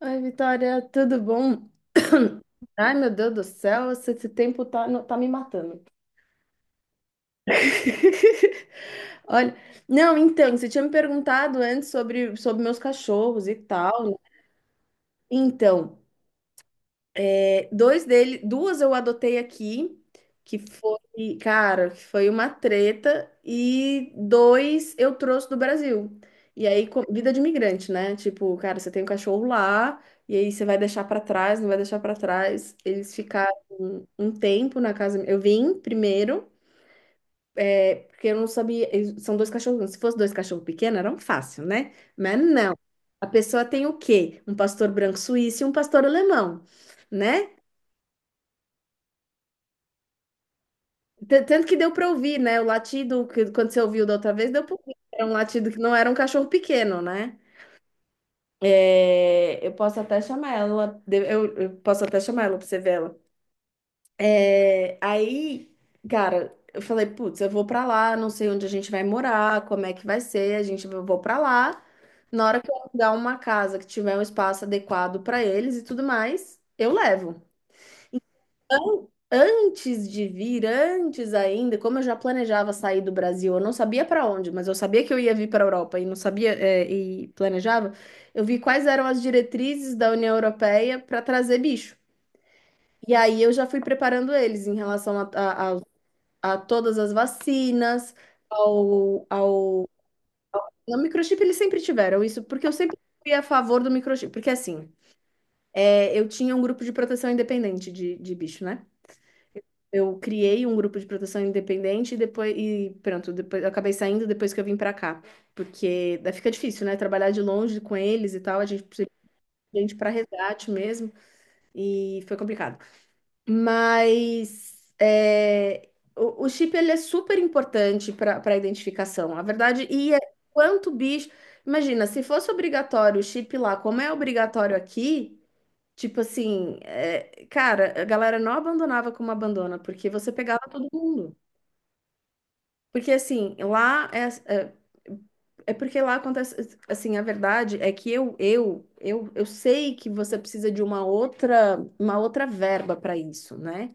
Oi, Vitória, tudo bom? Ai, meu Deus do céu, esse tempo tá, tá me matando. Olha, não, então, você tinha me perguntado antes sobre meus cachorros e tal, né? Então, é, dois dele, duas eu adotei aqui, que foi, cara, que foi uma treta, e dois eu trouxe do Brasil. E aí, vida de imigrante, né? Tipo, cara, você tem um cachorro lá, e aí você vai deixar pra trás, não vai deixar pra trás. Eles ficaram um tempo na casa. Eu vim primeiro, é, porque eu não sabia. São dois cachorros. Se fosse dois cachorros pequenos, era um fácil, né? Mas não. A pessoa tem o quê? Um pastor branco suíço e um pastor alemão, né? Tanto que deu para ouvir, né? O latido que, quando você ouviu da outra vez, deu para ouvir. Era um latido que não era um cachorro pequeno, né? É, eu posso até chamar ela, eu posso até chamar ela para você ver ela. É, aí, cara, eu falei, putz, eu vou para lá, não sei onde a gente vai morar, como é que vai ser, a gente eu vou para lá. Na hora que eu alugar uma casa que tiver um espaço adequado para eles e tudo mais, eu levo. Antes de vir, antes ainda, como eu já planejava sair do Brasil, eu não sabia para onde, mas eu sabia que eu ia vir para a Europa e não sabia, é, e planejava, eu vi quais eram as diretrizes da União Europeia para trazer bicho. E aí eu já fui preparando eles em relação a todas as vacinas, ao, ao... no microchip eles sempre tiveram isso, porque eu sempre fui a favor do microchip, porque assim, é, eu tinha um grupo de proteção independente de bicho, né? Eu criei um grupo de proteção independente e depois e pronto, depois eu acabei saindo depois que eu vim pra cá, porque daí fica difícil, né? Trabalhar de longe com eles e tal, a gente precisa de gente para resgate mesmo e foi complicado. Mas é, o chip ele é super importante para identificação, a verdade. E é quanto bicho, imagina, se fosse obrigatório o chip lá, como é obrigatório aqui? Tipo assim, é, cara, a galera não abandonava como abandona, porque você pegava todo mundo. Porque assim, lá é, é, porque lá acontece, assim, a verdade é que eu sei que você precisa de uma outra verba para isso, né?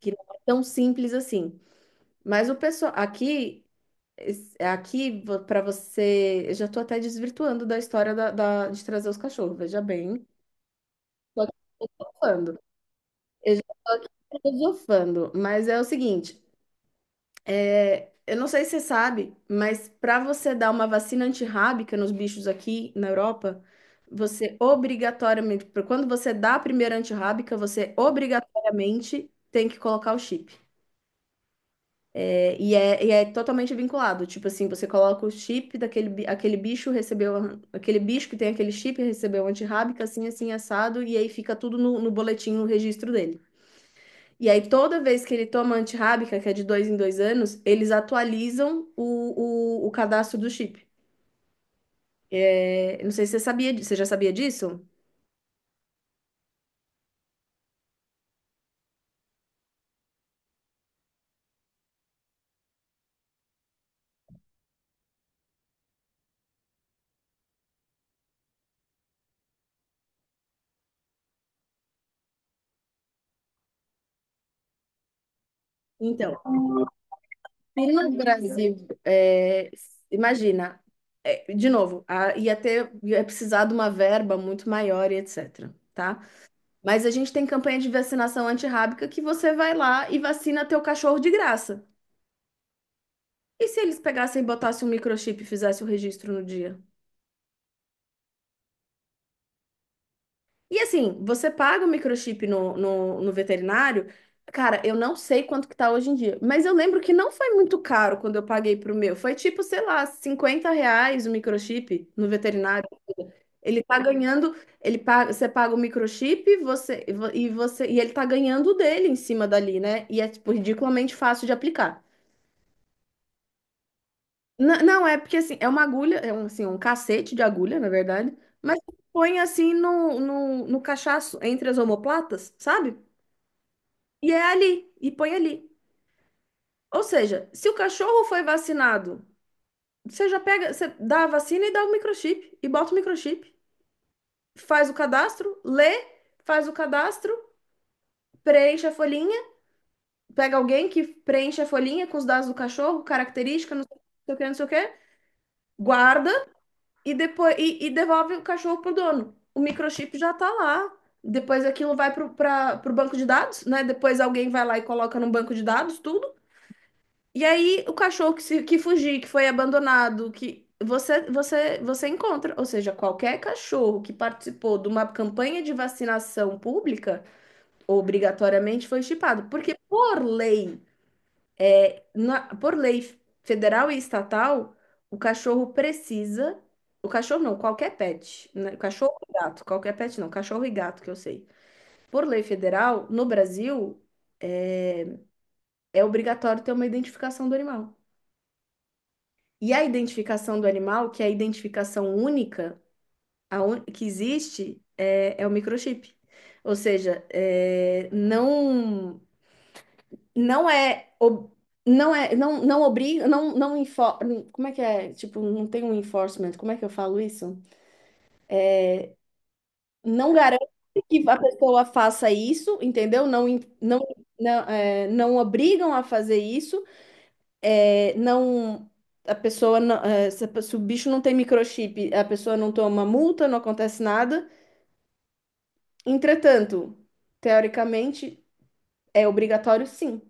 Que não é tão simples assim. Mas o pessoal aqui, aqui para você, eu já tô até desvirtuando da história de trazer os cachorros, veja bem. Tô aqui filosofando. Eu já tô aqui filosofando, mas é o seguinte, é, eu não sei se você sabe, mas para você dar uma vacina antirrábica nos bichos aqui na Europa, você obrigatoriamente, quando você dá a primeira antirrábica, você obrigatoriamente tem que colocar o chip. É totalmente vinculado. Tipo assim, você coloca o chip aquele bicho recebeu aquele bicho que tem aquele chip recebeu antirrábica, assim, assim, assado, e aí fica tudo no boletim, no registro dele. E aí, toda vez que ele toma antirrábica, que é de dois em dois anos, eles atualizam o cadastro do chip. É, não sei se você sabia, você já sabia disso? Então, se no Brasil, é, imagina, é, de novo, ia ter, ia precisar de uma verba muito maior e etc. Tá? Mas a gente tem campanha de vacinação antirrábica que você vai lá e vacina teu cachorro de graça. E se eles pegassem e botassem um microchip e fizessem o registro no dia? E assim, você paga o microchip no veterinário, cara, eu não sei quanto que tá hoje em dia, mas eu lembro que não foi muito caro quando eu paguei pro meu. Foi tipo, sei lá, R$ 50 o microchip no veterinário. Ele tá ganhando, ele paga, você paga o microchip, você e ele tá ganhando o dele em cima dali, né? E é tipo ridiculamente fácil de aplicar. Não, é porque assim, é uma agulha, é um, assim, um cacete de agulha, na verdade, mas põe assim no cachaço, entre as omoplatas, sabe? E é ali, e põe ali. Ou seja, se o cachorro foi vacinado, você já pega, você dá a vacina e dá o microchip, e bota o microchip, faz o cadastro, lê, faz o cadastro, preenche a folhinha, pega alguém que preenche a folhinha com os dados do cachorro, característica, não sei o que, não sei o que, não sei o que, guarda. E depois e devolve o cachorro pro dono. O microchip já tá lá. Depois aquilo vai pro, pro banco de dados, né? Depois alguém vai lá e coloca no banco de dados tudo. E aí o cachorro que, se, que fugir, que foi abandonado, que você encontra. Ou seja, qualquer cachorro que participou de uma campanha de vacinação pública, obrigatoriamente foi chipado. Porque por lei, por lei federal e estatal, o cachorro precisa. O cachorro não, qualquer pet. Né? Cachorro e gato, qualquer pet não, cachorro e gato que eu sei. Por lei federal, no Brasil, é obrigatório ter uma identificação do animal. E a identificação do animal, que é a identificação única que existe, é, é o microchip. Ou seja, é, não. Não é não é não não obriga não não como é que é, tipo, não tem um enforcement, como é que eu falo isso, não garante que a pessoa faça isso, entendeu? Não não não, é, não obrigam a fazer isso. É, não, a pessoa não, é, se, se o bicho não tem microchip, a pessoa não toma multa, não acontece nada. Entretanto, teoricamente, é obrigatório, sim.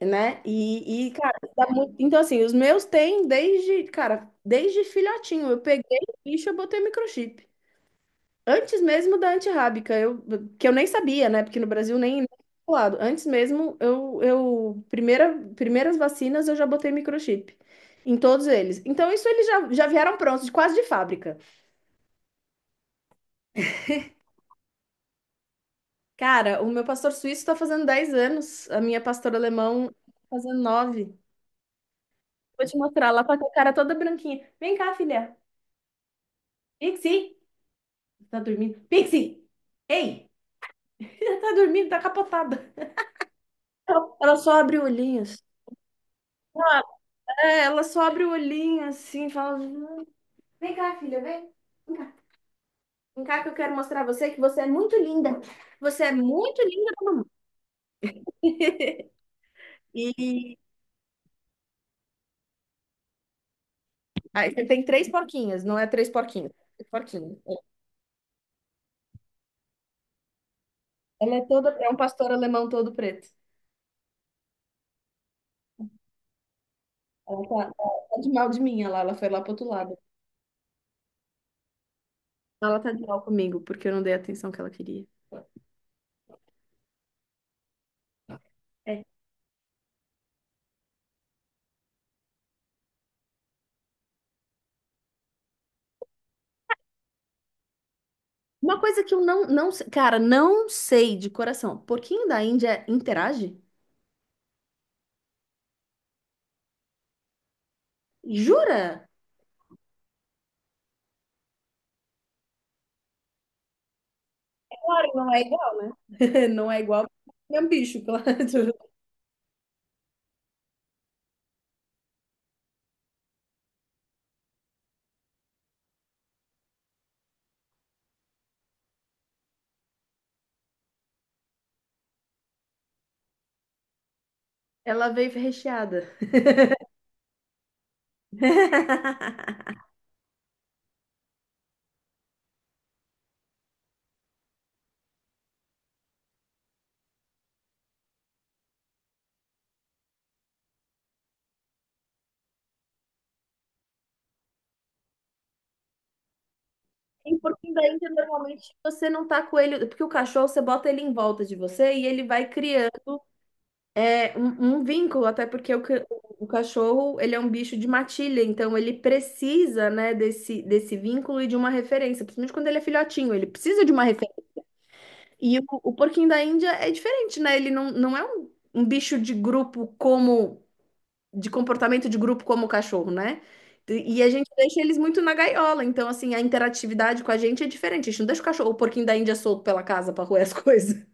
Né? E cara, dá muito... Então assim, os meus têm desde, cara, desde filhotinho. Eu peguei o bicho, eu botei microchip. Antes mesmo da antirrábica, eu que eu nem sabia, né? Porque no Brasil nem nem lado. Antes mesmo, eu primeiras vacinas eu já botei microchip em todos eles. Então isso eles já vieram prontos, de quase de fábrica. Cara, o meu pastor suíço tá fazendo 10 anos, a minha pastora alemão tá fazendo nove. Vou te mostrar, lá tá com a cara toda branquinha. Vem cá, filha. Vixi. Tá dormindo. Pixie! Ei! Ela tá dormindo, tá capotada. Ela só abre o olhinho, assim. É, ela só abre o olhinho assim, e fala: vem cá, filha, vem. Vem cá, vem cá que eu quero mostrar a você que você é muito linda. Você é muito linda pra mamãe. E aí você tem três porquinhas, não é três porquinhos. Três porquinho. Ela é toda, é um pastor alemão todo preto. Ela tá, tá de mal de mim, ela foi lá pro outro lado. Ela tá de mal comigo, porque eu não dei a atenção que ela queria. É. Uma coisa que eu cara, não sei de coração. Porquinho da Índia interage? Jura? Claro, não é igual, né? Não é igual, é um bicho, claro. Ela veio recheada. E porquinho da Índia normalmente. Você não tá com ele, porque o cachorro você bota ele em volta de você e ele vai criando, é, um vínculo, até porque o, o cachorro ele é um bicho de matilha, então ele precisa, né, desse vínculo e de uma referência, principalmente quando ele é filhotinho, ele precisa de uma. E o porquinho da Índia é diferente, né? Ele não, não é um bicho de grupo, como, de comportamento de grupo como o cachorro, né? E a gente deixa eles muito na gaiola, então assim, a interatividade com a gente é diferente. A gente não deixa o cachorro, o porquinho da Índia solto pela casa pra roer as coisas.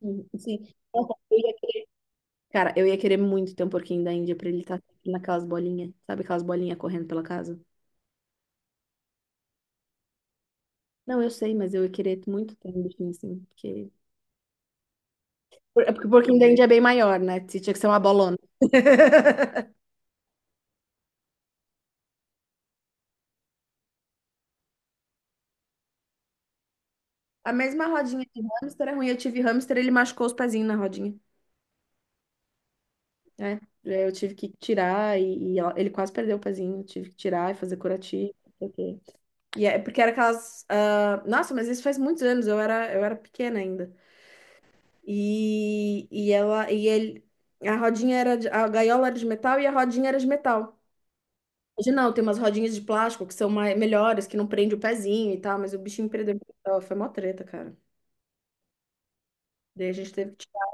Sim, sim. Nossa, cara, eu ia querer muito ter um porquinho da Índia pra ele estar naquelas bolinhas, sabe aquelas bolinhas correndo pela casa? Não, eu sei, mas eu ia querer muito ter um bichinho assim, porque... É porque o porquinho da Índia é bem maior, né? Tinha que ser uma bolona. A mesma rodinha de hamster é ruim. Eu tive hamster, ele machucou os pezinhos na rodinha, né? É, eu tive que tirar e, ele quase perdeu o pezinho. Eu tive que tirar e fazer curativo, não sei o quê. E é porque era aquelas. Ah, nossa, mas isso faz muitos anos, eu era pequena ainda. E ela e ele. A rodinha era de, a gaiola era de metal e a rodinha era de metal. Hoje não, tem umas rodinhas de plástico que são melhores, que não prende o pezinho e tal, mas o bichinho perdeu. Foi mó treta, cara. Daí a gente teve que tirar.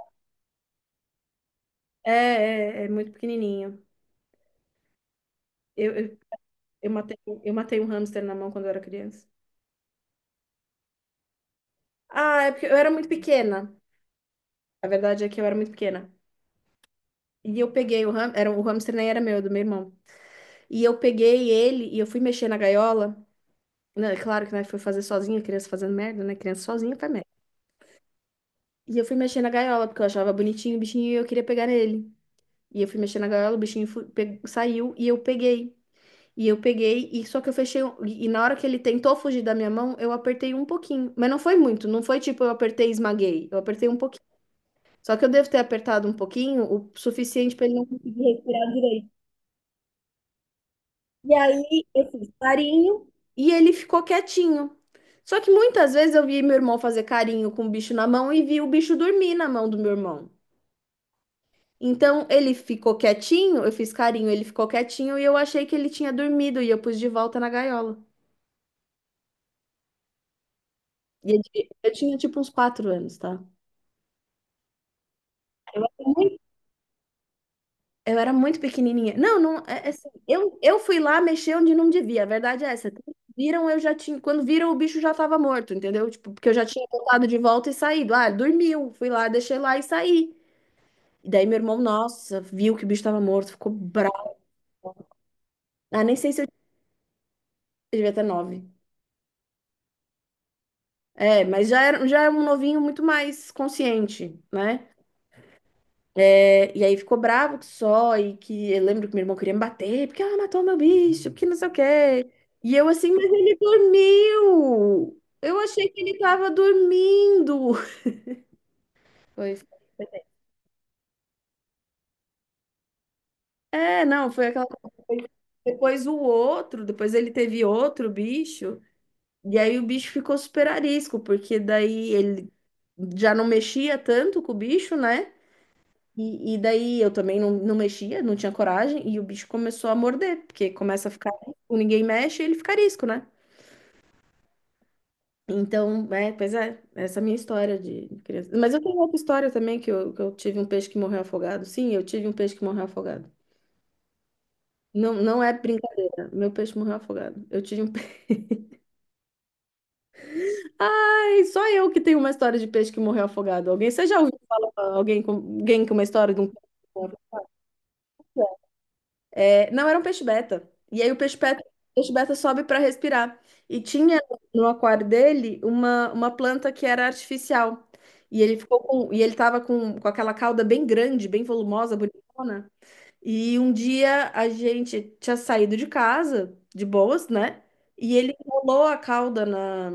É, é muito pequenininho. Eu, eu, eu matei, eu matei um hamster na mão quando eu era criança. Ah, é porque eu era muito pequena. A verdade é que eu era muito pequena. E eu peguei o hamster, era, o hamster nem era meu, era do meu irmão. E eu peguei ele e eu fui mexer na gaiola. Não, é claro que não foi fazer sozinha, criança fazendo merda, né? Criança sozinha faz merda. E eu fui mexer na gaiola porque eu achava bonitinho o bichinho e eu queria pegar nele. E eu fui mexer na gaiola, o saiu e eu peguei. E eu peguei, e só que eu fechei. E na hora que ele tentou fugir da minha mão, eu apertei um pouquinho. Mas não foi muito, não foi tipo eu apertei e esmaguei. Eu apertei um pouquinho. Só que eu devo ter apertado um pouquinho, o suficiente para ele não conseguir respirar direito. E aí eu fiz carinho e ele ficou quietinho. Só que muitas vezes eu vi meu irmão fazer carinho com o bicho na mão e vi o bicho dormir na mão do meu irmão. Então ele ficou quietinho, eu fiz carinho, ele ficou quietinho e eu achei que ele tinha dormido e eu pus de volta na gaiola. E eu tinha tipo uns 4 anos, tá? Eu era muito pequenininha. Não, não, é assim, eu fui lá mexer onde não devia, a verdade é essa. Quando viram, eu já tinha, quando viram, o bicho já tava morto, entendeu? Tipo, porque eu já tinha voltado de volta e saído. Ah, dormiu, fui lá, deixei lá e saí. E daí meu irmão, nossa, viu que o bicho tava morto, ficou bravo. Ah, nem sei se eu devia ter 9. É, mas já era um novinho muito mais consciente, né? É, e aí ficou bravo que só, e que eu lembro que meu irmão queria me bater, porque ela matou meu bicho, porque não sei o quê. E eu assim, mas ele dormiu! Eu achei que ele tava dormindo! Foi, é, não, foi aquela coisa. Depois o outro, depois ele teve outro bicho, e aí o bicho ficou super arisco, porque daí ele já não mexia tanto com o bicho, né? E daí eu também não mexia, não tinha coragem, e o bicho começou a morder, porque começa a ficar arisco, ninguém mexe, ele fica arisco, né? Então, é, pois é, essa é a minha história de criança. Mas eu tenho outra história também, que eu tive um peixe que morreu afogado. Sim, eu tive um peixe que morreu afogado. Não, não é brincadeira, meu peixe morreu afogado. Eu tive um peixe. Ai, só eu que tenho uma história de peixe que morreu afogado. Alguém, você já ouviu falar alguém com uma história de um peixe? É, não, era um peixe beta. E aí o peixe beta sobe para respirar. E tinha no aquário dele uma planta que era artificial. E ele ficou com, e ele tava com aquela cauda bem grande, bem volumosa, bonitona. E um dia a gente tinha saído de casa, de boas, né? E ele enrolou a cauda na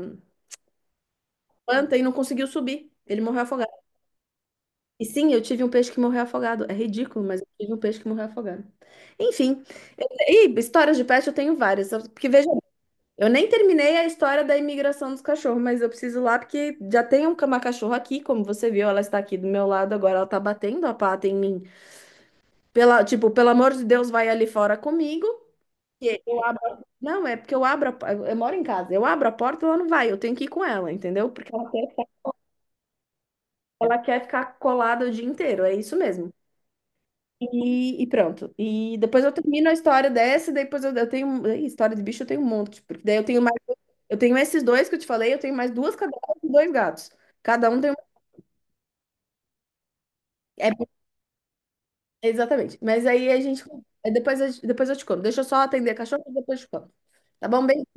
planta e não conseguiu subir. Ele morreu afogado. E sim, eu tive um peixe que morreu afogado. É ridículo, mas eu tive um peixe que morreu afogado. Enfim, e histórias de pet eu tenho várias. Porque veja, eu nem terminei a história da imigração dos cachorros, mas eu preciso ir lá porque já tem uma cachorra aqui, como você viu, ela está aqui do meu lado agora, ela está batendo a pata em mim. Pela, tipo, pelo amor de Deus, vai ali fora comigo. E eu abro... Não, é porque eu abro eu moro em casa. Eu abro a porta, ela não vai. Eu tenho que ir com ela, entendeu? Porque ela quer ficar colada o dia inteiro. É isso mesmo. E pronto. E depois eu termino a história dessa, daí eu tenho. Ih, história de bicho eu tenho um monte. Porque daí eu tenho mais. Eu tenho esses 2 que eu te falei, eu tenho mais 2 cadelas e 2 gatos. Cada um tem um. É, exatamente. Mas aí a gente. É, Depois, depois eu te conto. Deixa eu só atender a cachorra e depois eu te conto. Tá bom? Beijo.